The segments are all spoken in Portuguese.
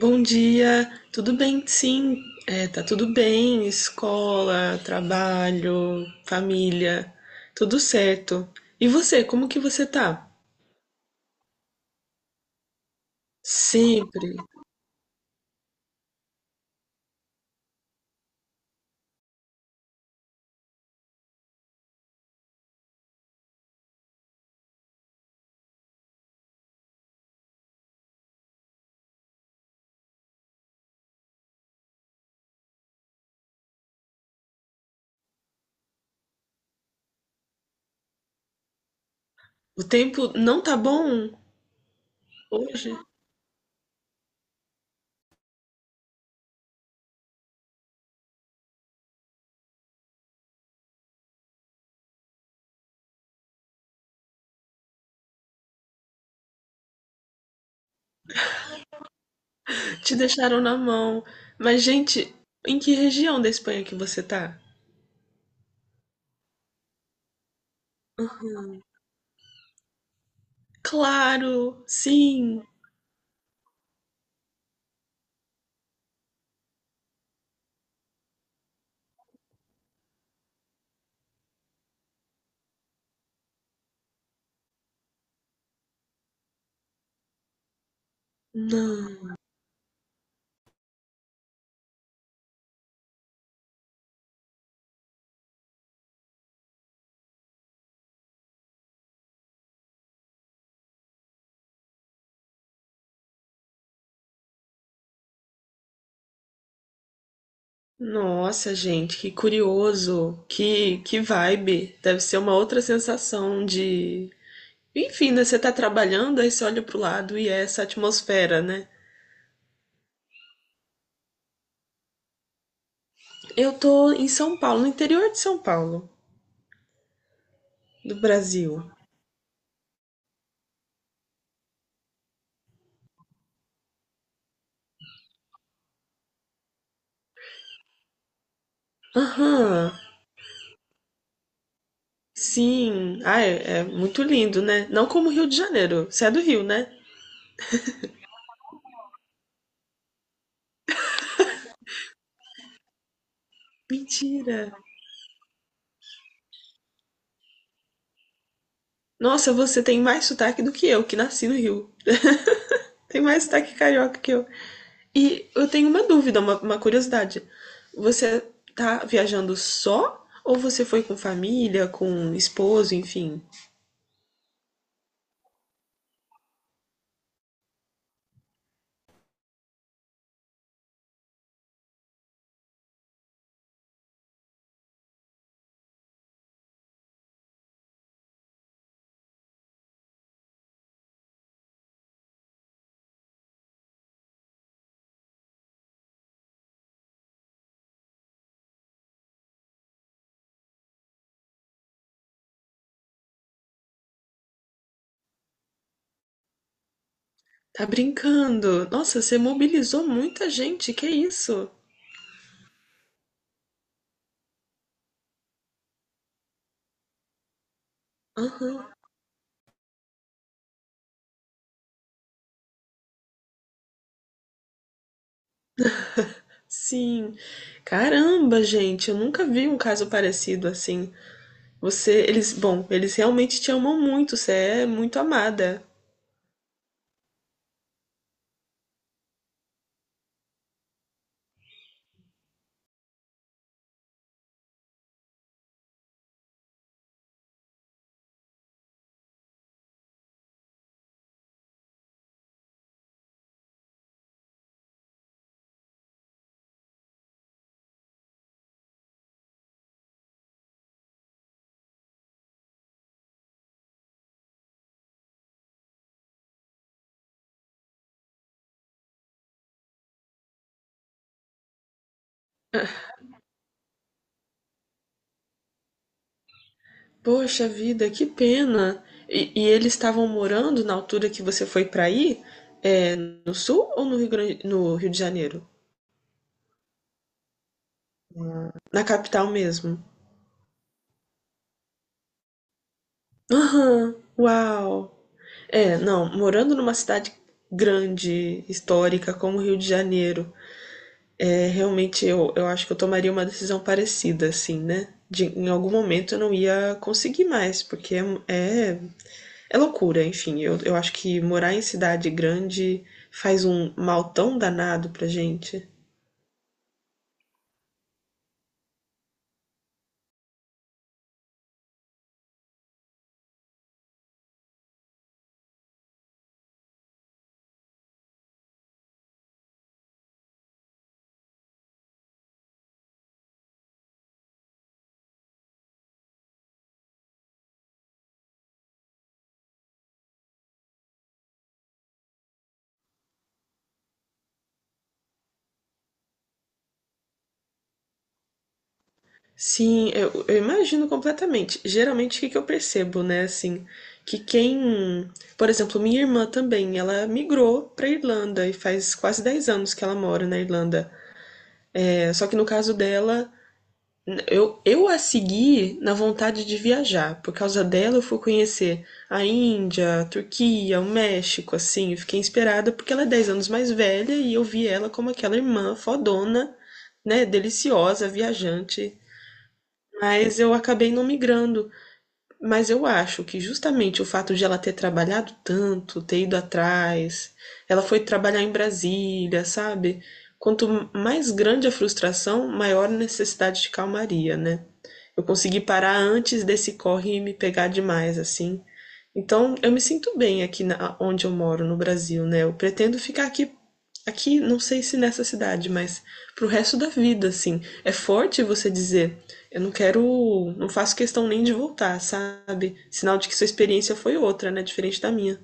Bom dia, tudo bem? Sim, é, tá tudo bem. Escola, trabalho, família, tudo certo. E você, como que você tá? Sempre. O tempo não tá bom hoje? Te deixaram na mão. Mas, gente, em que região da Espanha que você tá? Claro, sim. Não. Nossa, gente, que curioso. Que vibe. Deve ser uma outra sensação de... Enfim, né? Você tá trabalhando, aí você olha pro lado e é essa atmosfera, né? Eu tô em São Paulo, no interior de São Paulo, do Brasil. Aham, sim. Ah, é, é muito lindo, né? Não como Rio de Janeiro. Você é do Rio, né? Mentira. Nossa, você tem mais sotaque do que eu, que nasci no Rio. Tem mais sotaque carioca que eu. E eu tenho uma dúvida, uma curiosidade. Você tá viajando só ou você foi com família, com esposo, enfim? Tá brincando? Nossa, você mobilizou muita gente, que isso? Aham, sim. Caramba, gente, eu nunca vi um caso parecido assim. Você, eles, bom, eles realmente te amam muito, você é muito amada. Poxa vida, que pena. E eles estavam morando na altura que você foi pra ir? É, no sul ou no Rio Grande, no Rio de Janeiro? Na capital mesmo? Aham, uau. É, não, morando numa cidade grande, histórica, como o Rio de Janeiro, é, realmente eu acho que eu tomaria uma decisão parecida, assim, né? Em algum momento eu não ia conseguir mais, porque é, é loucura, enfim. Eu acho que morar em cidade grande faz um mal tão danado pra gente. Sim, eu imagino completamente. Geralmente, o que que eu percebo, né, assim, que quem, por exemplo, minha irmã também, ela migrou para Irlanda e faz quase 10 anos que ela mora na Irlanda. É, só que no caso dela, eu a segui na vontade de viajar. Por causa dela, eu fui conhecer a Índia, a Turquia, o México, assim, eu fiquei inspirada porque ela é 10 anos mais velha e eu vi ela como aquela irmã fodona, né, deliciosa, viajante. Mas eu acabei não migrando. Mas eu acho que justamente o fato de ela ter trabalhado tanto, ter ido atrás, ela foi trabalhar em Brasília, sabe? Quanto mais grande a frustração, maior a necessidade de calmaria, né? Eu consegui parar antes desse corre e me pegar demais, assim. Então, eu me sinto bem aqui na, onde eu moro, no Brasil, né? Eu pretendo ficar aqui, não sei se nessa cidade, mas pro resto da vida, assim. É forte você dizer, eu não quero, não faço questão nem de voltar, sabe? Sinal de que sua experiência foi outra, né? Diferente da minha.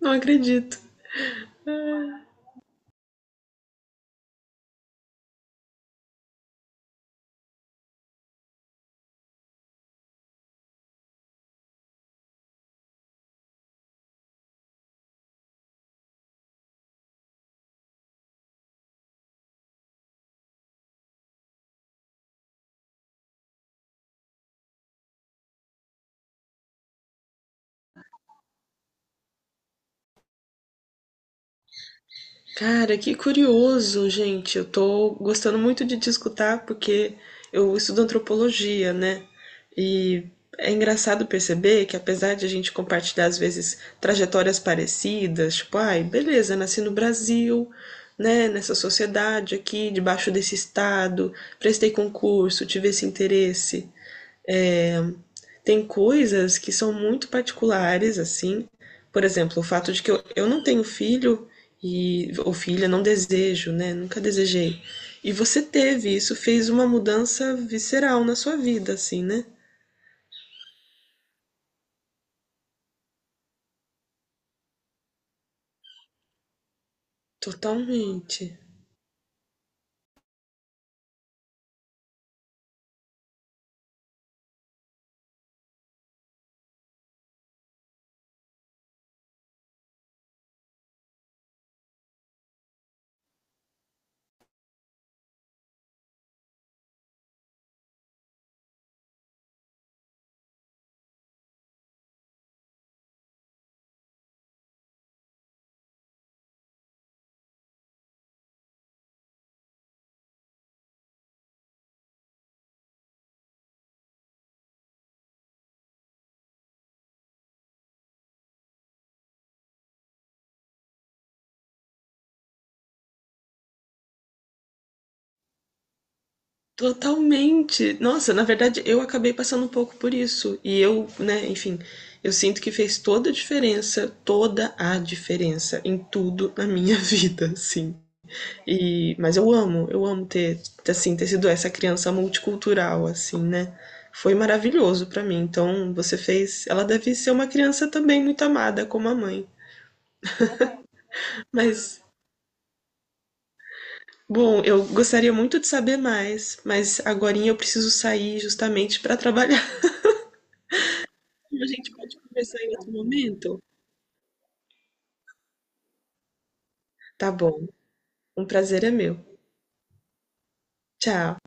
Não acredito. Cara, que curioso, gente. Eu tô gostando muito de te escutar porque eu estudo antropologia, né? E é engraçado perceber que apesar de a gente compartilhar às vezes trajetórias parecidas, tipo, ai, beleza, nasci no Brasil, né, nessa sociedade aqui, debaixo desse estado, prestei concurso, tive esse interesse. É, tem coisas que são muito particulares, assim. Por exemplo, o fato de que eu não tenho filho e ou filha, não desejo, né? Nunca desejei. E você teve, isso fez uma mudança visceral na sua vida, assim, né? Totalmente. Totalmente. Nossa, na verdade, eu acabei passando um pouco por isso. E eu, né, enfim, eu sinto que fez toda a diferença em tudo na minha vida, assim. E, mas eu amo ter, assim, ter sido essa criança multicultural, assim, né? Foi maravilhoso pra mim. Então, você fez. Ela deve ser uma criança também muito amada, como a mãe. Mas, bom, eu gostaria muito de saber mais, mas agora eu preciso sair justamente pra trabalhar. A gente pode conversar em outro momento? Tá bom, um prazer é meu. Tchau.